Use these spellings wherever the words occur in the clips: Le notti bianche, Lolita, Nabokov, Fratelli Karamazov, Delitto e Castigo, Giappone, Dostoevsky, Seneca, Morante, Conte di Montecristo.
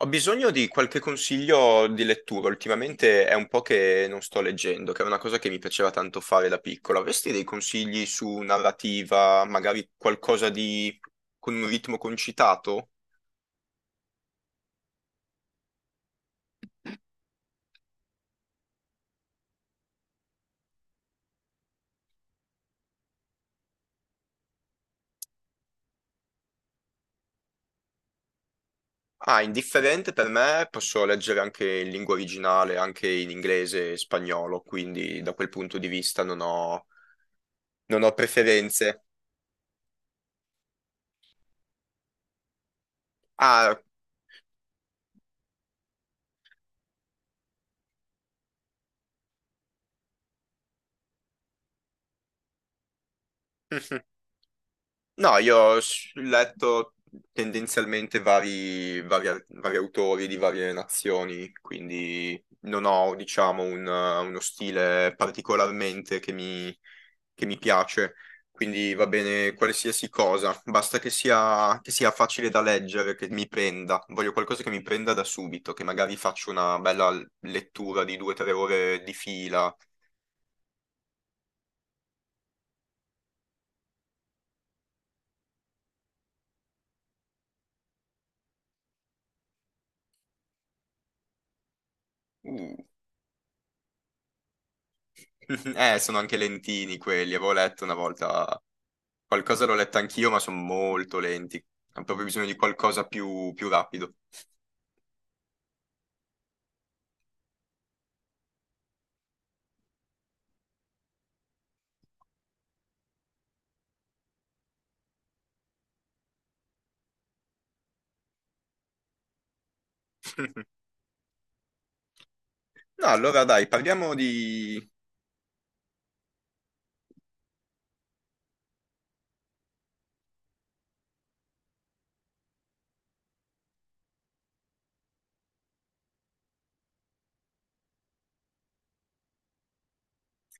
Ho bisogno di qualche consiglio di lettura. Ultimamente è un po' che non sto leggendo, che è una cosa che mi piaceva tanto fare da piccolo. Avresti dei consigli su narrativa, magari qualcosa di con un ritmo concitato? Ah, indifferente per me, posso leggere anche in lingua originale, anche in inglese e spagnolo, quindi da quel punto di vista non ho preferenze. Ah, No, io ho letto tendenzialmente vari autori di varie nazioni, quindi non ho, diciamo, uno stile particolarmente che mi, piace. Quindi va bene qualsiasi cosa, basta che sia facile da leggere, che mi prenda. Voglio qualcosa che mi prenda da subito, che magari faccio una bella lettura di 2 o 3 ore di fila. Uh. Sono anche lentini quelli, avevo letto una volta. Qualcosa l'ho letta anch'io, ma sono molto lenti. Ho proprio bisogno di qualcosa più rapido. No, allora dai, parliamo di...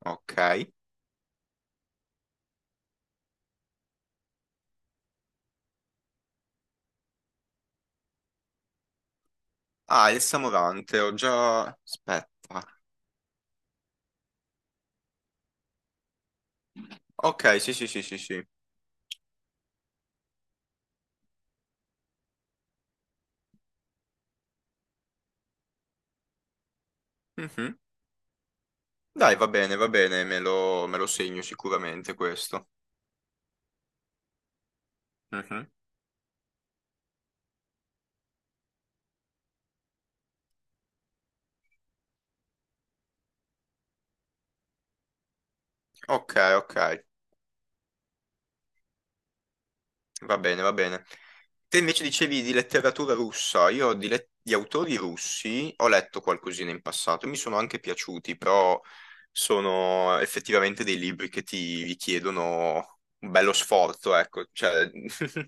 Ok. Ah, il Samurante, ho già... Aspetta. Ok, sì, sì, sì, sì, sì. Mhm. Dai, va bene, me lo segno sicuramente questo. Mhm. Ok, ok. Va bene, va bene. Te invece dicevi di letteratura russa, io di autori russi ho letto qualcosina in passato, mi sono anche piaciuti, però sono effettivamente dei libri che ti richiedono un bello sforzo, ecco, cioè,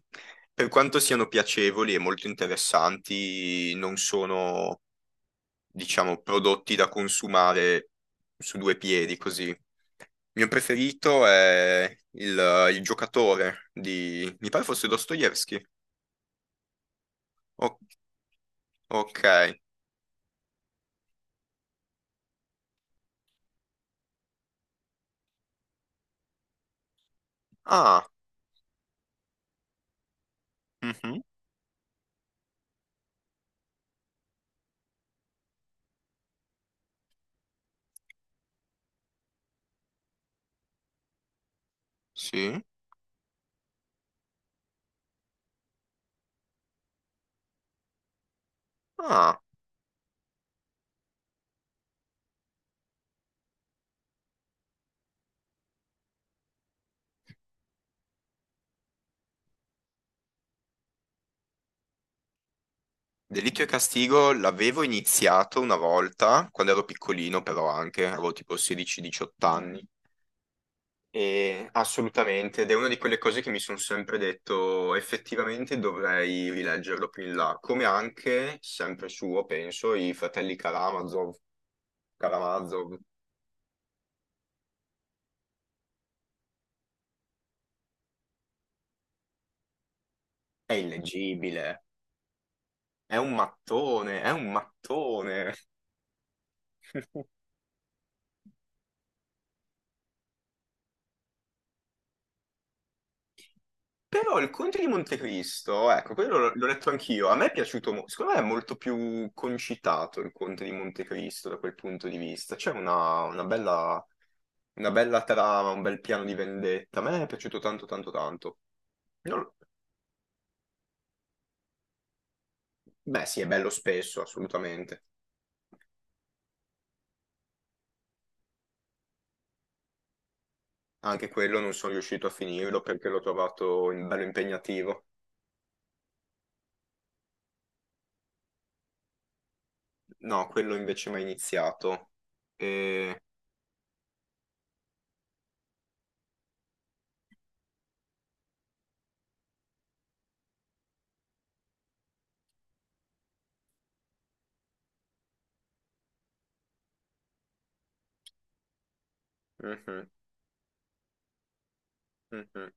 per quanto siano piacevoli e molto interessanti, non sono, diciamo, prodotti da consumare su due piedi così. Il mio preferito è il giocatore di, mi pare fosse Dostoevsky. O- ok. Ah, mhm, sì. Ah, Delitto e Castigo l'avevo iniziato una volta, quando ero piccolino però anche, avevo tipo 16-18 anni. E assolutamente, ed è una di quelle cose che mi sono sempre detto, effettivamente dovrei rileggerlo più in là, come anche, sempre suo, penso, i fratelli Karamazov. Karamazov è illeggibile, è un mattone, è un mattone. Però il Conte di Montecristo, ecco, quello l'ho letto anch'io, a me è piaciuto, secondo me è molto più concitato il Conte di Montecristo da quel punto di vista, c'è una bella trama, un bel piano di vendetta, a me è piaciuto tanto tanto tanto. Non- Beh sì, è bello spesso, assolutamente. Anche quello non sono riuscito a finirlo perché l'ho trovato bello impegnativo. No, quello invece mi ha iniziato. E... Mhm, mhm.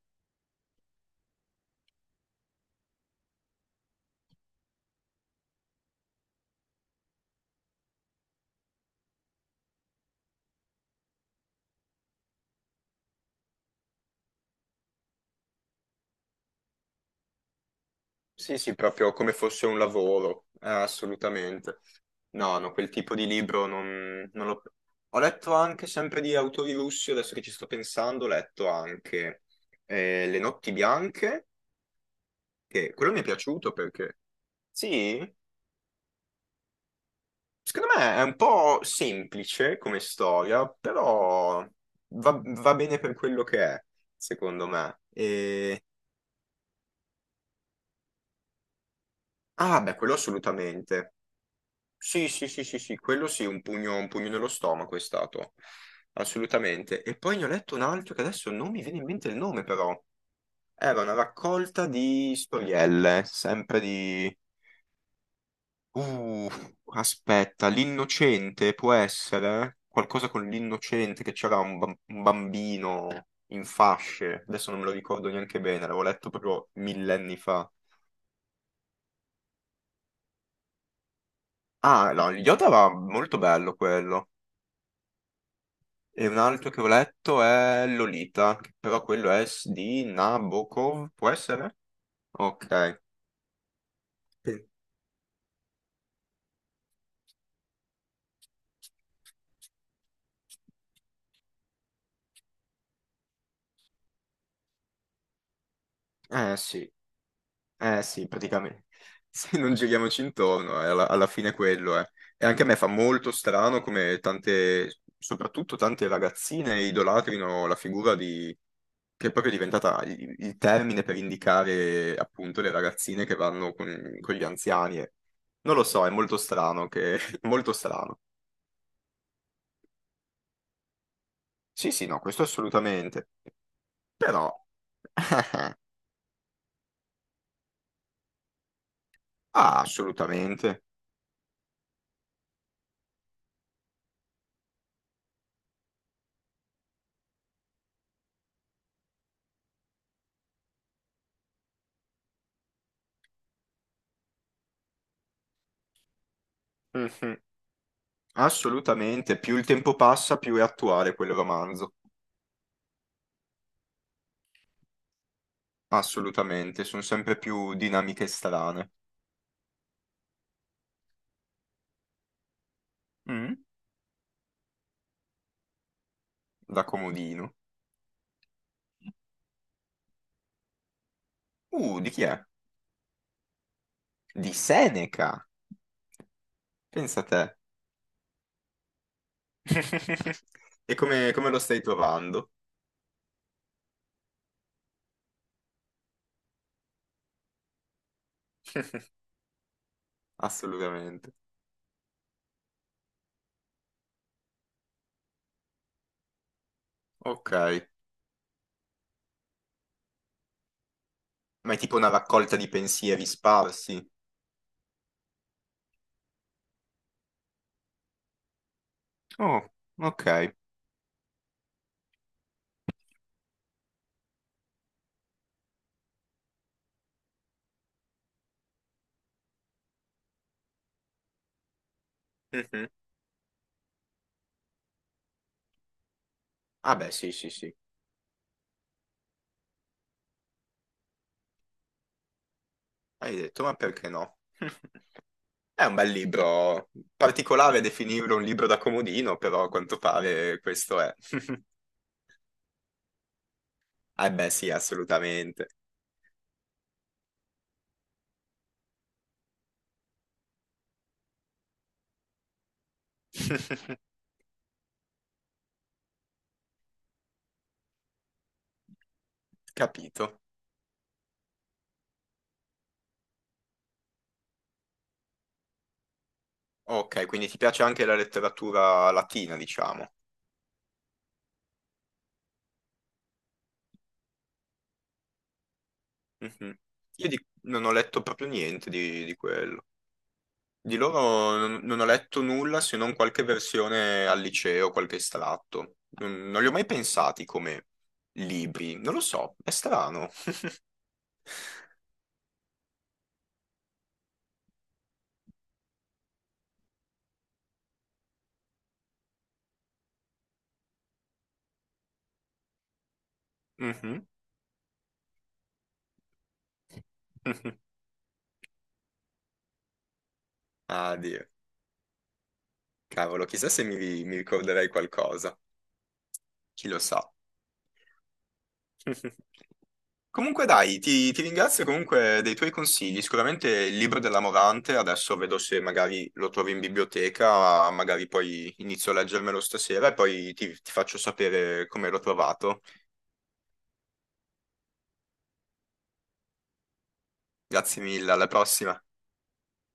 Sì, sì, proprio come fosse un lavoro, assolutamente. No, no, quel tipo di libro non l'ho... Ho letto anche sempre di autori russi, adesso che ci sto pensando, ho letto anche Le notti bianche, che quello mi è piaciuto perché, sì, secondo me è un po' semplice come storia, però va bene per quello che è, secondo me. E... Ah, beh, quello assolutamente. Sì, sì, sì, sì, sì, quello sì, un pugno nello stomaco è stato, assolutamente. E poi ne ho letto un altro che adesso non mi viene in mente il nome, però. Era una raccolta di storielle, sempre di... Uh, aspetta, l'innocente può essere? Qualcosa con l'innocente, che c'era un bambino in fasce, adesso non me lo ricordo neanche bene, l'avevo letto proprio millenni fa. Ah, no, Yoda era molto bello quello. E un altro che ho letto è Lolita, che però quello è di Nabokov, può essere? Ok. Sì. Eh sì, Eh sì, praticamente. Se non giriamoci intorno, alla, fine quello è. E anche a me fa molto strano come tante, soprattutto tante ragazzine idolatrino la figura di, che è proprio diventata il termine per indicare appunto le ragazzine che vanno con gli anziani. Non lo so, è molto strano che... molto strano. Sì, sì, no, questo assolutamente. Però... Ah, assolutamente. Mhm. Assolutamente. Più il tempo passa, più è attuale quel romanzo. Assolutamente, sono sempre più dinamiche strane, Mm. da comodino. Di chi è? Di Seneca! Pensa a te. E come lo stai trovando? Assolutamente. Ok. Ma è tipo una raccolta di pensieri sparsi. Oh, ok. Mhm. Ah beh, sì, sì, sì. Hai detto, ma perché no? È un bel libro, particolare definirlo un libro da comodino, però a quanto pare questo è. Eh beh, sì, assolutamente. Capito. Ok, quindi ti piace anche la letteratura latina, diciamo. Mhm. Io non ho letto proprio niente di quello. Di loro non ho letto nulla se non qualche versione al liceo, qualche estratto. Non li ho mai pensati come libri, non lo so, è strano. Mhm. Ah, Dio. Cavolo, chissà se mi, ricorderei qualcosa. Chi lo sa. Comunque dai, ti ringrazio comunque dei tuoi consigli. Sicuramente il libro della Morante, adesso vedo se magari lo trovo in biblioteca, magari poi inizio a leggermelo stasera e poi ti faccio sapere come l'ho trovato. Grazie mille, alla prossima.